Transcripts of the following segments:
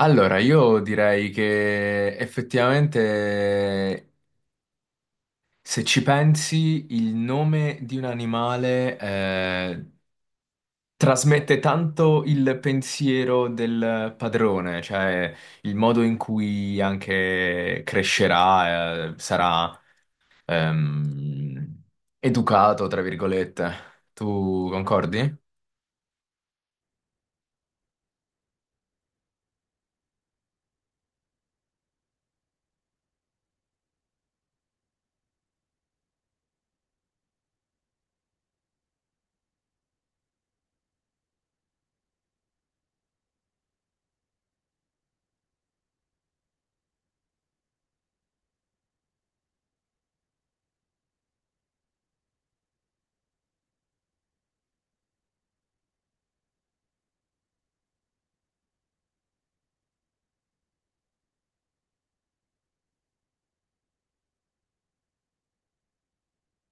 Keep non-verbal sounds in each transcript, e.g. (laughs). Allora, io direi che effettivamente, se ci pensi, il nome di un animale trasmette tanto il pensiero del padrone, cioè il modo in cui anche crescerà, sarà ehm, educato, tra virgolette. Tu concordi?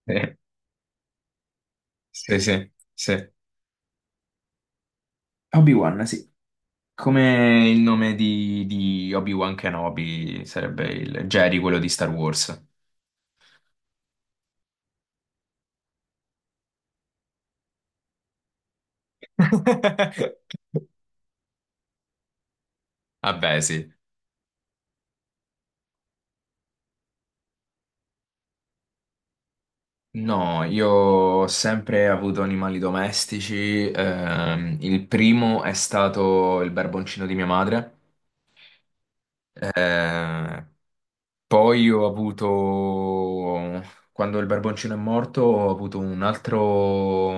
Sì, sì, sì. Sì. Obi-Wan, sì. Come il nome di Obi-Wan Kenobi sarebbe il Jerry, quello di Star Wars. (laughs) Vabbè, sì. No, io ho sempre avuto animali domestici. Il primo è stato il barboncino di mia madre. eh, Poi ho avuto, quando il barboncino è morto, ho avuto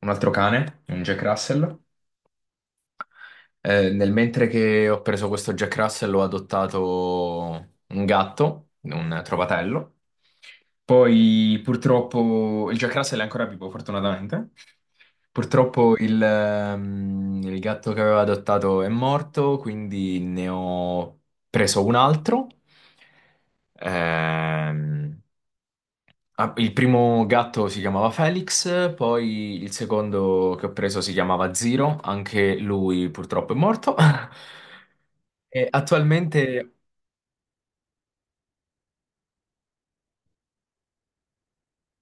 un altro cane, un Jack Russell. Nel mentre che ho preso questo Jack Russell ho adottato un gatto, un trovatello. Poi purtroppo il Jack Russell è ancora vivo, fortunatamente. Purtroppo il gatto che avevo adottato è morto, quindi ne ho preso un altro. Ehm, Ah, il primo gatto si chiamava Felix, poi il secondo che ho preso si chiamava Zero, anche lui purtroppo è morto. (laughs) E attualmente,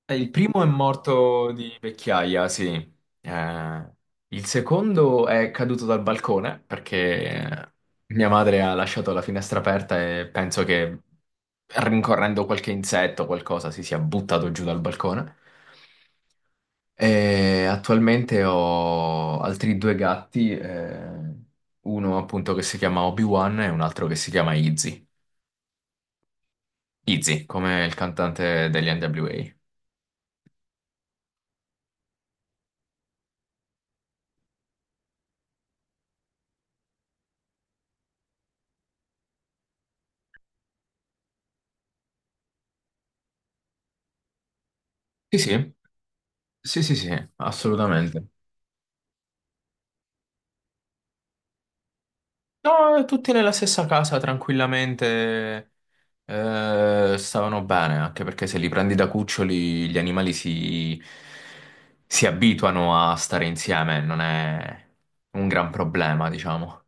il primo è morto di vecchiaia, sì. Eh, il secondo è caduto dal balcone perché mia madre ha lasciato la finestra aperta e penso che rincorrendo qualche insetto o qualcosa si sia buttato giù dal balcone. E attualmente ho altri due gatti, uno appunto che si chiama Obi-Wan e un altro che si chiama Izzy. Izzy, come il cantante degli NWA. Sì, sì, sì, sì, sì, assolutamente. No, tutti nella stessa casa, tranquillamente, stavano bene, anche perché se li prendi da cuccioli gli animali si abituano a stare insieme, non è un gran problema, diciamo.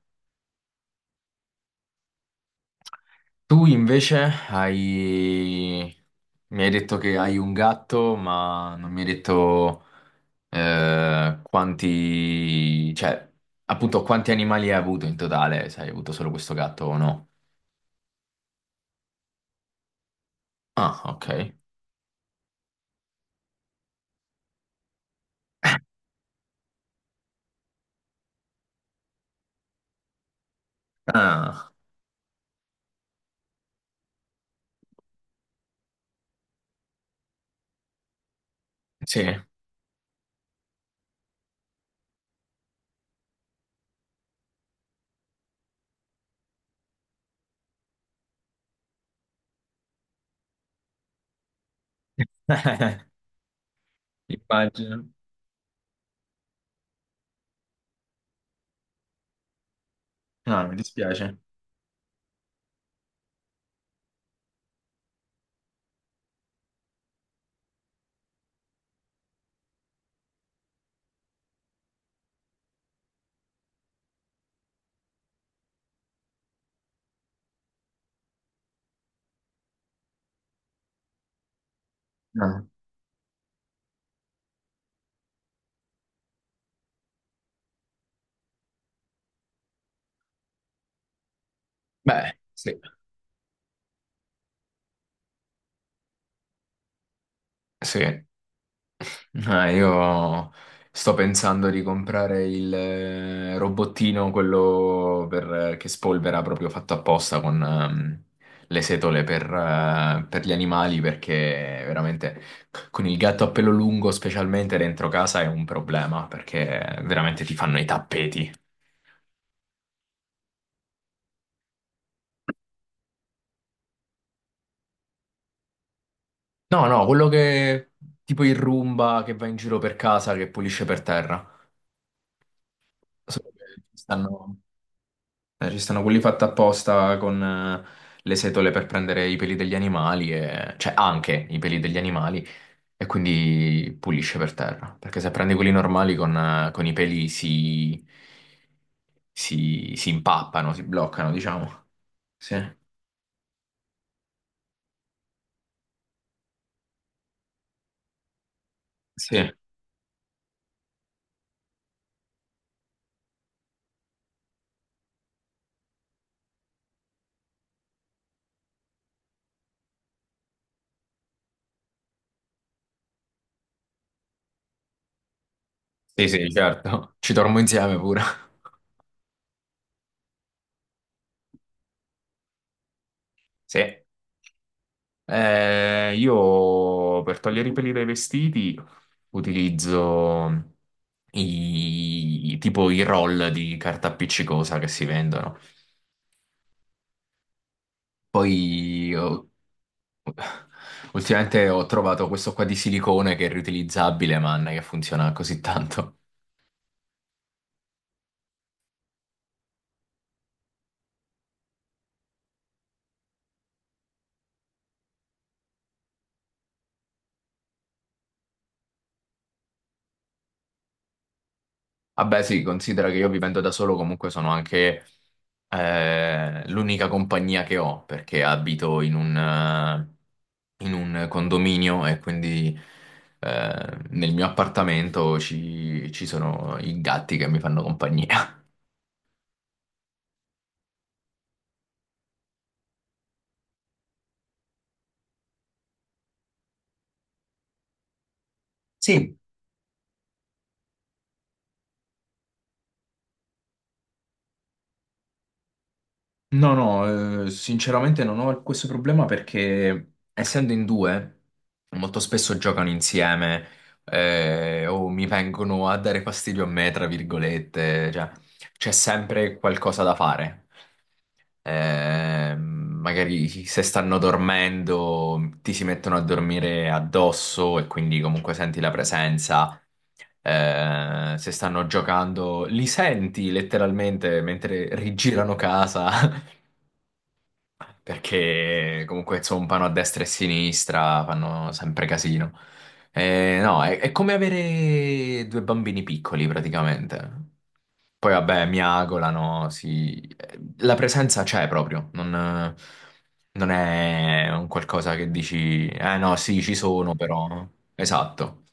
Tu invece hai... Mi hai detto che hai un gatto, ma non mi hai detto cioè, appunto, quanti animali hai avuto in totale, se hai avuto solo questo gatto o no. Ah, ok. Ah, sì. (laughs) Immagino. No, mi dispiace. Ah. Beh, sì, sì. Ah, io sto pensando di comprare il robottino, quello che spolvera proprio fatto apposta con le setole per gli animali, perché veramente con il gatto a pelo lungo, specialmente dentro casa, è un problema, perché veramente ti fanno i tappeti. No, no, quello che tipo il Roomba che va in giro per casa, che pulisce per terra. Solo che ci stanno. Ci stanno quelli fatti apposta con le setole per prendere i peli degli animali, e cioè anche i peli degli animali, e quindi pulisce per terra. Perché se prendi quelli normali con i peli si impappano, si bloccano, diciamo. Sì, sì, sì, sì, certo. Ci dormo insieme pure. (laughs) Sì. Io per togliere i peli dai vestiti utilizzo tipo i roll di carta appiccicosa che si vendono. Poi ho- Ultimamente ho trovato questo qua di silicone che è riutilizzabile, man, che funziona così tanto. Vabbè, sì, considera che io vivendo da solo comunque sono anche l'unica compagnia che ho perché abito in un condominio e quindi nel mio appartamento ci sono i gatti che mi fanno compagnia. (laughs) Sì, no, no, sinceramente non ho questo problema perché essendo in due molto spesso giocano insieme o mi vengono a dare fastidio a me, tra virgolette, cioè c'è sempre qualcosa da fare. Magari se stanno dormendo, ti si mettono a dormire addosso e quindi comunque senti la presenza. Se stanno giocando, li senti letteralmente mentre rigirano casa. (laughs) Perché comunque zompano a destra e a sinistra, fanno sempre casino. No, è come avere due bambini piccoli praticamente. Poi vabbè, miagolano, la presenza c'è proprio, non è un qualcosa che dici, eh no, sì, ci sono però. Esatto.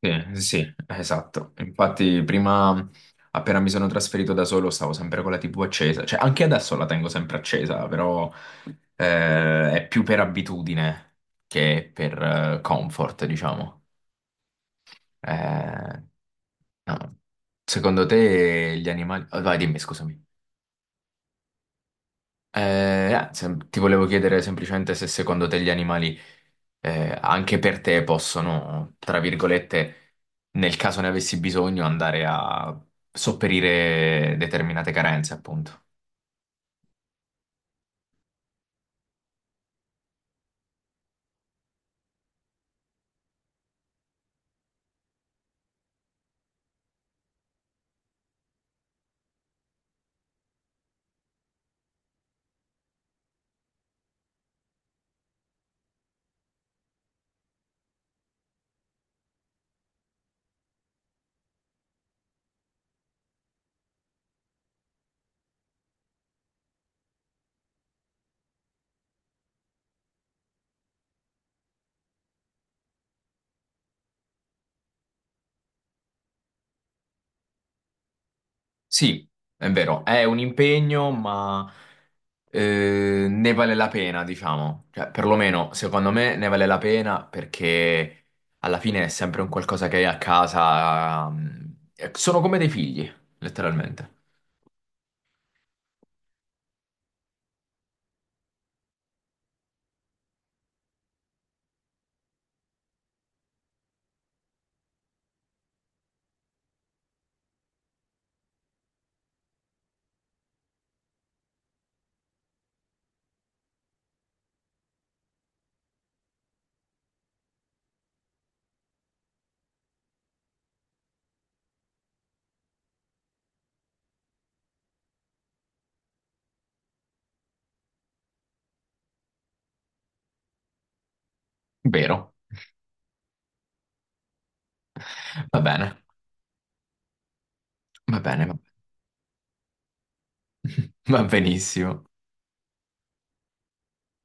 Sì, sì, sì, esatto. Infatti, prima, appena mi sono trasferito da solo, stavo sempre con la TV accesa. Cioè, anche adesso la tengo sempre accesa, però è più per abitudine che per comfort, diciamo. Eh, no. Secondo te gli animali. Oh, vai, dimmi, scusami. Ah, ti volevo chiedere semplicemente se secondo te gli animali anche per te possono, tra virgolette, nel caso ne avessi bisogno, andare a sopperire determinate carenze, appunto. Sì, è vero, è un impegno, ma ne vale la pena, diciamo. Cioè, perlomeno, secondo me, ne vale la pena perché alla fine è sempre un qualcosa che hai a casa. Sono come dei figli, letteralmente. Vero. Va bene, va bene, va (laughs) va benissimo.